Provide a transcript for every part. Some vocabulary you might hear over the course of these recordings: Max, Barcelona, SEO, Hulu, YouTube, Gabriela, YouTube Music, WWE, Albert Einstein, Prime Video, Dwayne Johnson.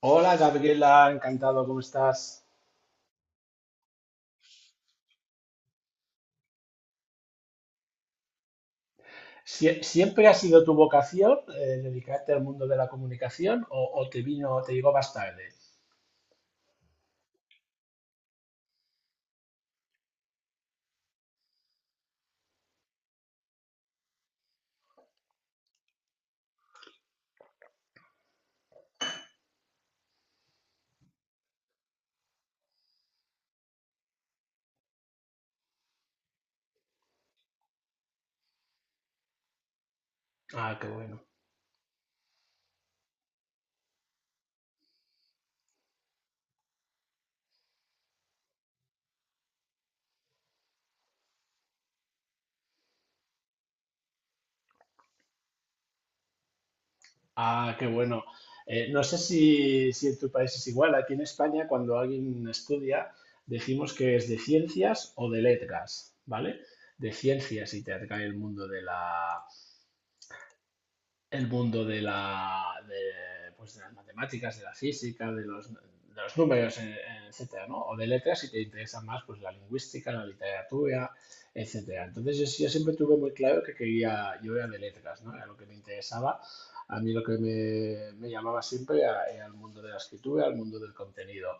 Hola Gabriela, encantado, ¿cómo estás? ¿Siempre ha sido tu vocación dedicarte al mundo de la comunicación o te vino, te llegó más tarde? Ah, qué bueno. Ah, qué bueno. No sé si en tu país es igual. Aquí en España, cuando alguien estudia, decimos que es de ciencias o de letras, ¿vale? De ciencias y te atrae el mundo el mundo de la, de, pues, de las matemáticas, de la física, de los números, etcétera, ¿no? O de letras, si te interesa más, pues la lingüística, la literatura, etcétera. Entonces yo siempre tuve muy claro que quería, yo era de letras, ¿no? Era lo que me interesaba. A mí lo que me llamaba siempre era el mundo de la escritura, el mundo del contenido.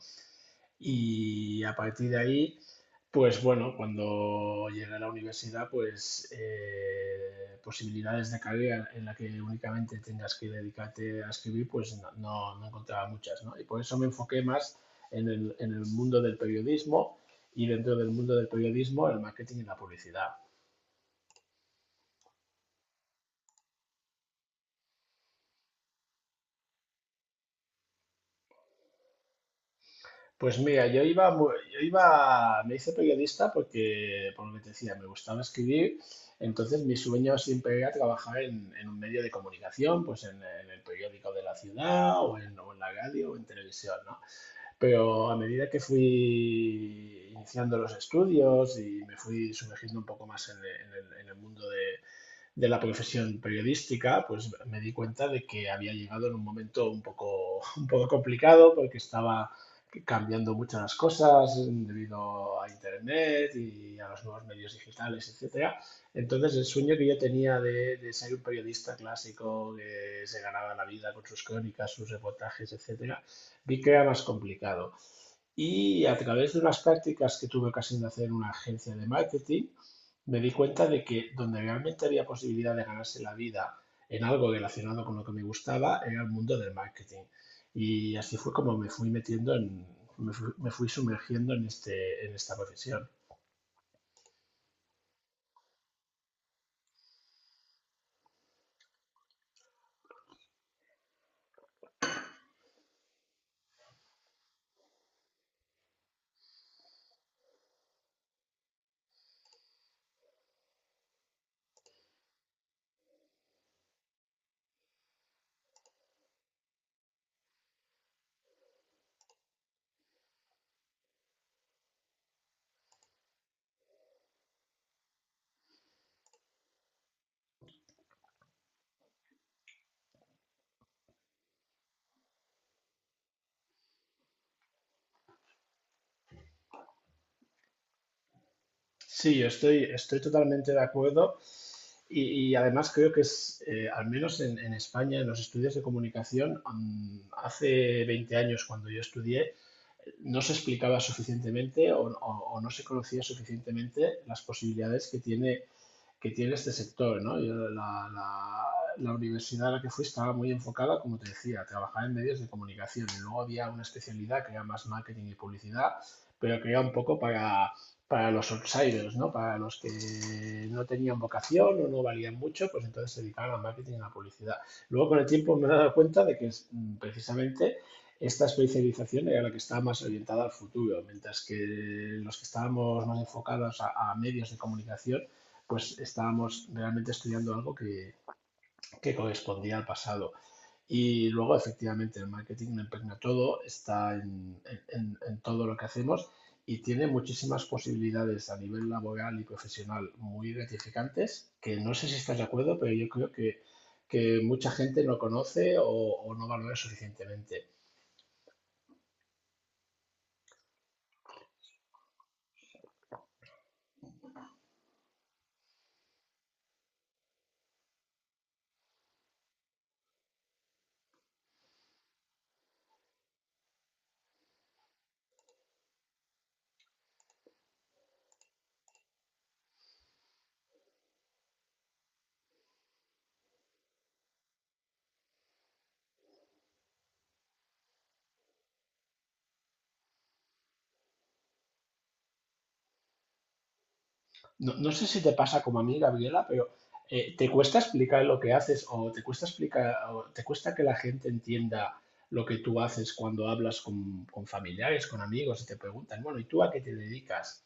Y a partir de ahí, pues bueno, cuando llegué a la universidad, pues posibilidades de carrera en la que únicamente tengas que dedicarte a escribir, pues no encontraba muchas, ¿no? Y por eso me enfoqué más en el mundo del periodismo y dentro del mundo del periodismo, el marketing y la publicidad. Pues mira, yo iba, me hice periodista porque, por lo que te decía, me gustaba escribir, entonces mi sueño siempre era trabajar en un medio de comunicación, pues en el periódico de la ciudad o en la radio o en televisión, ¿no? Pero a medida que fui iniciando los estudios y me fui sumergiendo un poco más en el mundo de la profesión periodística, pues me di cuenta de que había llegado en un momento un poco, un poco complicado porque estaba cambiando muchas cosas debido a Internet y a los nuevos medios digitales, etcétera. Entonces el sueño que yo tenía de ser un periodista clásico que se ganaba la vida con sus crónicas, sus reportajes, etcétera, vi que era más complicado. Y a través de unas prácticas que tuve ocasión de hacer en una agencia de marketing, me di cuenta de que donde realmente había posibilidad de ganarse la vida en algo relacionado con lo que me gustaba era el mundo del marketing. Y así fue como me fui metiendo en, me fui sumergiendo en este, en esta profesión. Sí, estoy totalmente de acuerdo. Y además creo que es, al menos en España, en los estudios de comunicación, hace 20 años cuando yo estudié, no se explicaba suficientemente o no se conocía suficientemente las posibilidades que tiene este sector, ¿no? La universidad a la que fui estaba muy enfocada, como te decía, a trabajar en medios de comunicación y luego había una especialidad que era más marketing y publicidad, pero que era un poco para los outsiders, ¿no? Para los que no tenían vocación o no valían mucho, pues entonces se dedicaban al marketing y a la publicidad. Luego con el tiempo me he dado cuenta de que es, precisamente esta especialización era la que estaba más orientada al futuro, mientras que los que estábamos más enfocados a medios de comunicación, pues estábamos realmente estudiando algo que correspondía al pasado. Y luego, efectivamente, el marketing lo impregna todo, está en todo lo que hacemos y tiene muchísimas posibilidades a nivel laboral y profesional muy gratificantes, que no sé si estás de acuerdo, pero yo creo que mucha gente no conoce o no valora suficientemente. No, no sé si te pasa como a mí, Gabriela, pero ¿te cuesta explicar lo que haces o te cuesta explicar o te cuesta que la gente entienda lo que tú haces cuando hablas con familiares, con amigos y te preguntan, bueno, ¿y tú a qué te dedicas?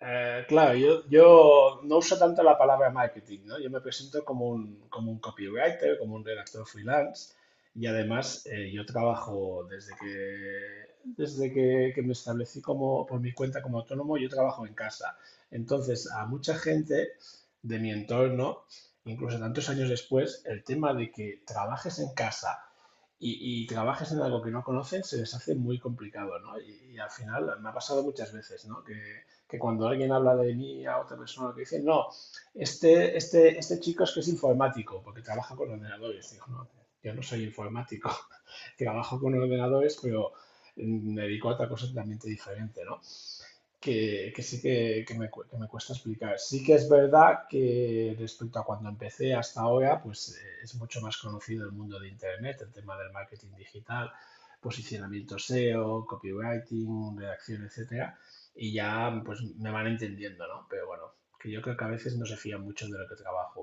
Claro, yo no uso tanto la palabra marketing, ¿no? Yo me presento como como un copywriter, como un redactor freelance y además yo trabajo que me establecí como, por mi cuenta como autónomo, yo trabajo en casa. Entonces, a mucha gente de mi entorno, incluso tantos años después, el tema de que trabajes en casa y trabajes en algo que no conocen se les hace muy complicado, ¿no? Y al final me ha pasado muchas veces, ¿no? Que cuando alguien habla de mí a otra persona que dice, no, este chico es que es informático, porque trabaja con ordenadores. Digo, no, yo no soy informático, trabajo con ordenadores, pero me dedico a otra cosa totalmente diferente, ¿no? Que me cuesta explicar. Sí que es verdad que respecto a cuando empecé hasta ahora, pues es mucho más conocido el mundo de Internet, el tema del marketing digital, posicionamiento SEO, copywriting, redacción, etcétera, y ya pues me van entendiendo, ¿no? Pero bueno, que yo creo que a veces no se fían mucho de lo que trabajo.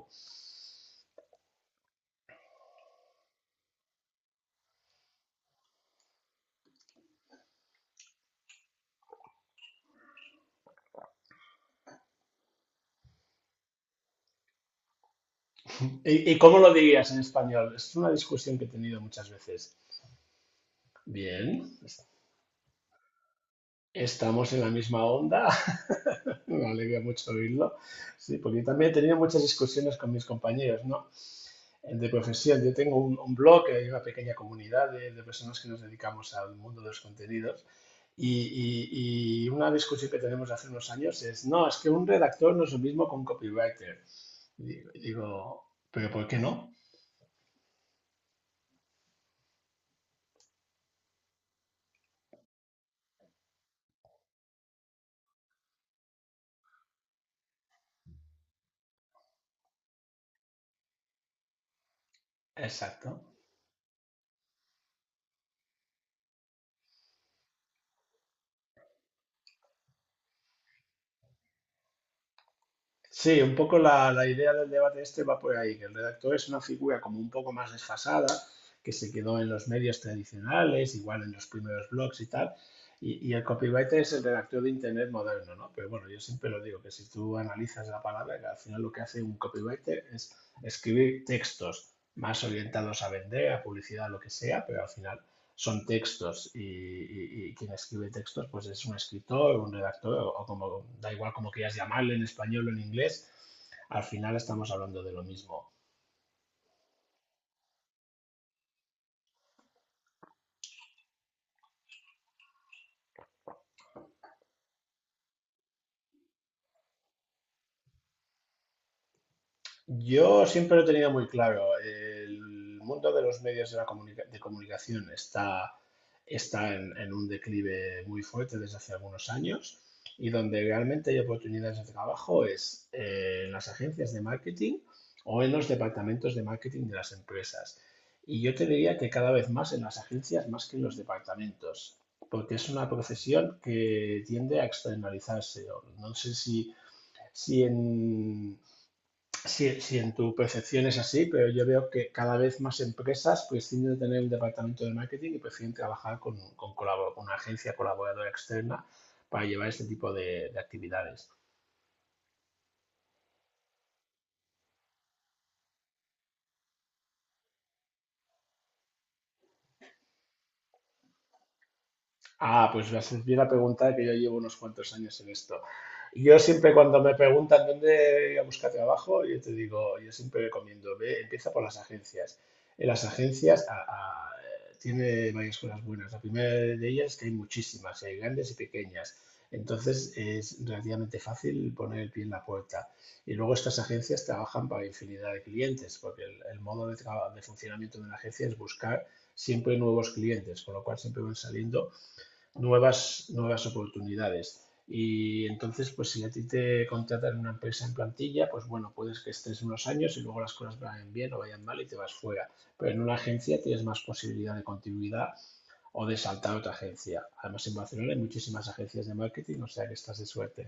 Y cómo lo dirías en español? Es una discusión que he tenido muchas veces. Bien, estamos en la misma onda. Me alegra mucho oírlo. Sí, porque también he tenido muchas discusiones con mis compañeros, ¿no? De profesión. Yo tengo un blog, hay una pequeña comunidad de personas que nos dedicamos al mundo de los contenidos. Y una discusión que tenemos hace unos años es, no, es que un redactor no es lo mismo que un copywriter. Y digo, pero ¿por qué no? Exacto. Sí, un poco la idea del debate este va por ahí, que el redactor es una figura como un poco más desfasada, que se quedó en los medios tradicionales, igual en los primeros blogs y tal, y el copywriter es el redactor de Internet moderno, ¿no? Pero bueno, yo siempre lo digo, que si tú analizas la palabra, que al final lo que hace un copywriter es escribir textos más orientados a vender, a publicidad, lo que sea, pero al final son textos y quien escribe textos pues es un escritor, un redactor o como, da igual como quieras llamarle en español o en inglés, al final estamos hablando de lo mismo. Yo siempre lo he tenido muy claro. El mundo de los medios de comunicación está en un declive muy fuerte desde hace algunos años y donde realmente hay oportunidades de trabajo es en las agencias de marketing o en los departamentos de marketing de las empresas. Y yo te diría que cada vez más en las agencias más que en los departamentos, porque es una profesión que tiende a externalizarse. O no sé si si en, sí, sí, en tu percepción es así, pero yo veo que cada vez más empresas prescinden de tener un departamento de marketing y prefieren trabajar con una agencia colaboradora externa para llevar este tipo de actividades. Ah, pues me haces bien la pregunta que yo llevo unos cuantos años en esto. Yo siempre cuando me preguntan dónde ir a buscar trabajo, yo te digo, yo siempre recomiendo, ve, empieza por las agencias. En las agencias tiene varias cosas buenas. La primera de ellas es que hay muchísimas, hay grandes y pequeñas. Entonces es relativamente fácil poner el pie en la puerta. Y luego estas agencias trabajan para infinidad de clientes, porque el modo de funcionamiento de una agencia es buscar siempre nuevos clientes, con lo cual siempre van saliendo nuevas oportunidades. Y entonces, pues si a ti te contratan una empresa en plantilla, pues bueno, puedes que estés unos años y luego las cosas vayan bien o vayan mal y te vas fuera. Pero en una agencia tienes más posibilidad de continuidad o de saltar a otra agencia. Además, en Barcelona hay muchísimas agencias de marketing, o sea que estás de suerte.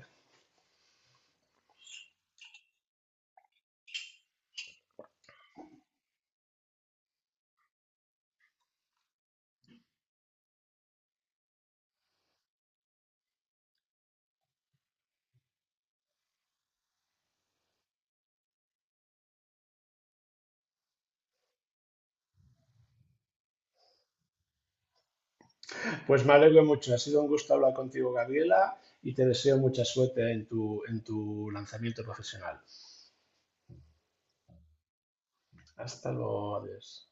Pues me alegro mucho, ha sido un gusto hablar contigo, Gabriela, y te deseo mucha suerte en tu lanzamiento profesional. Hasta luego, adiós.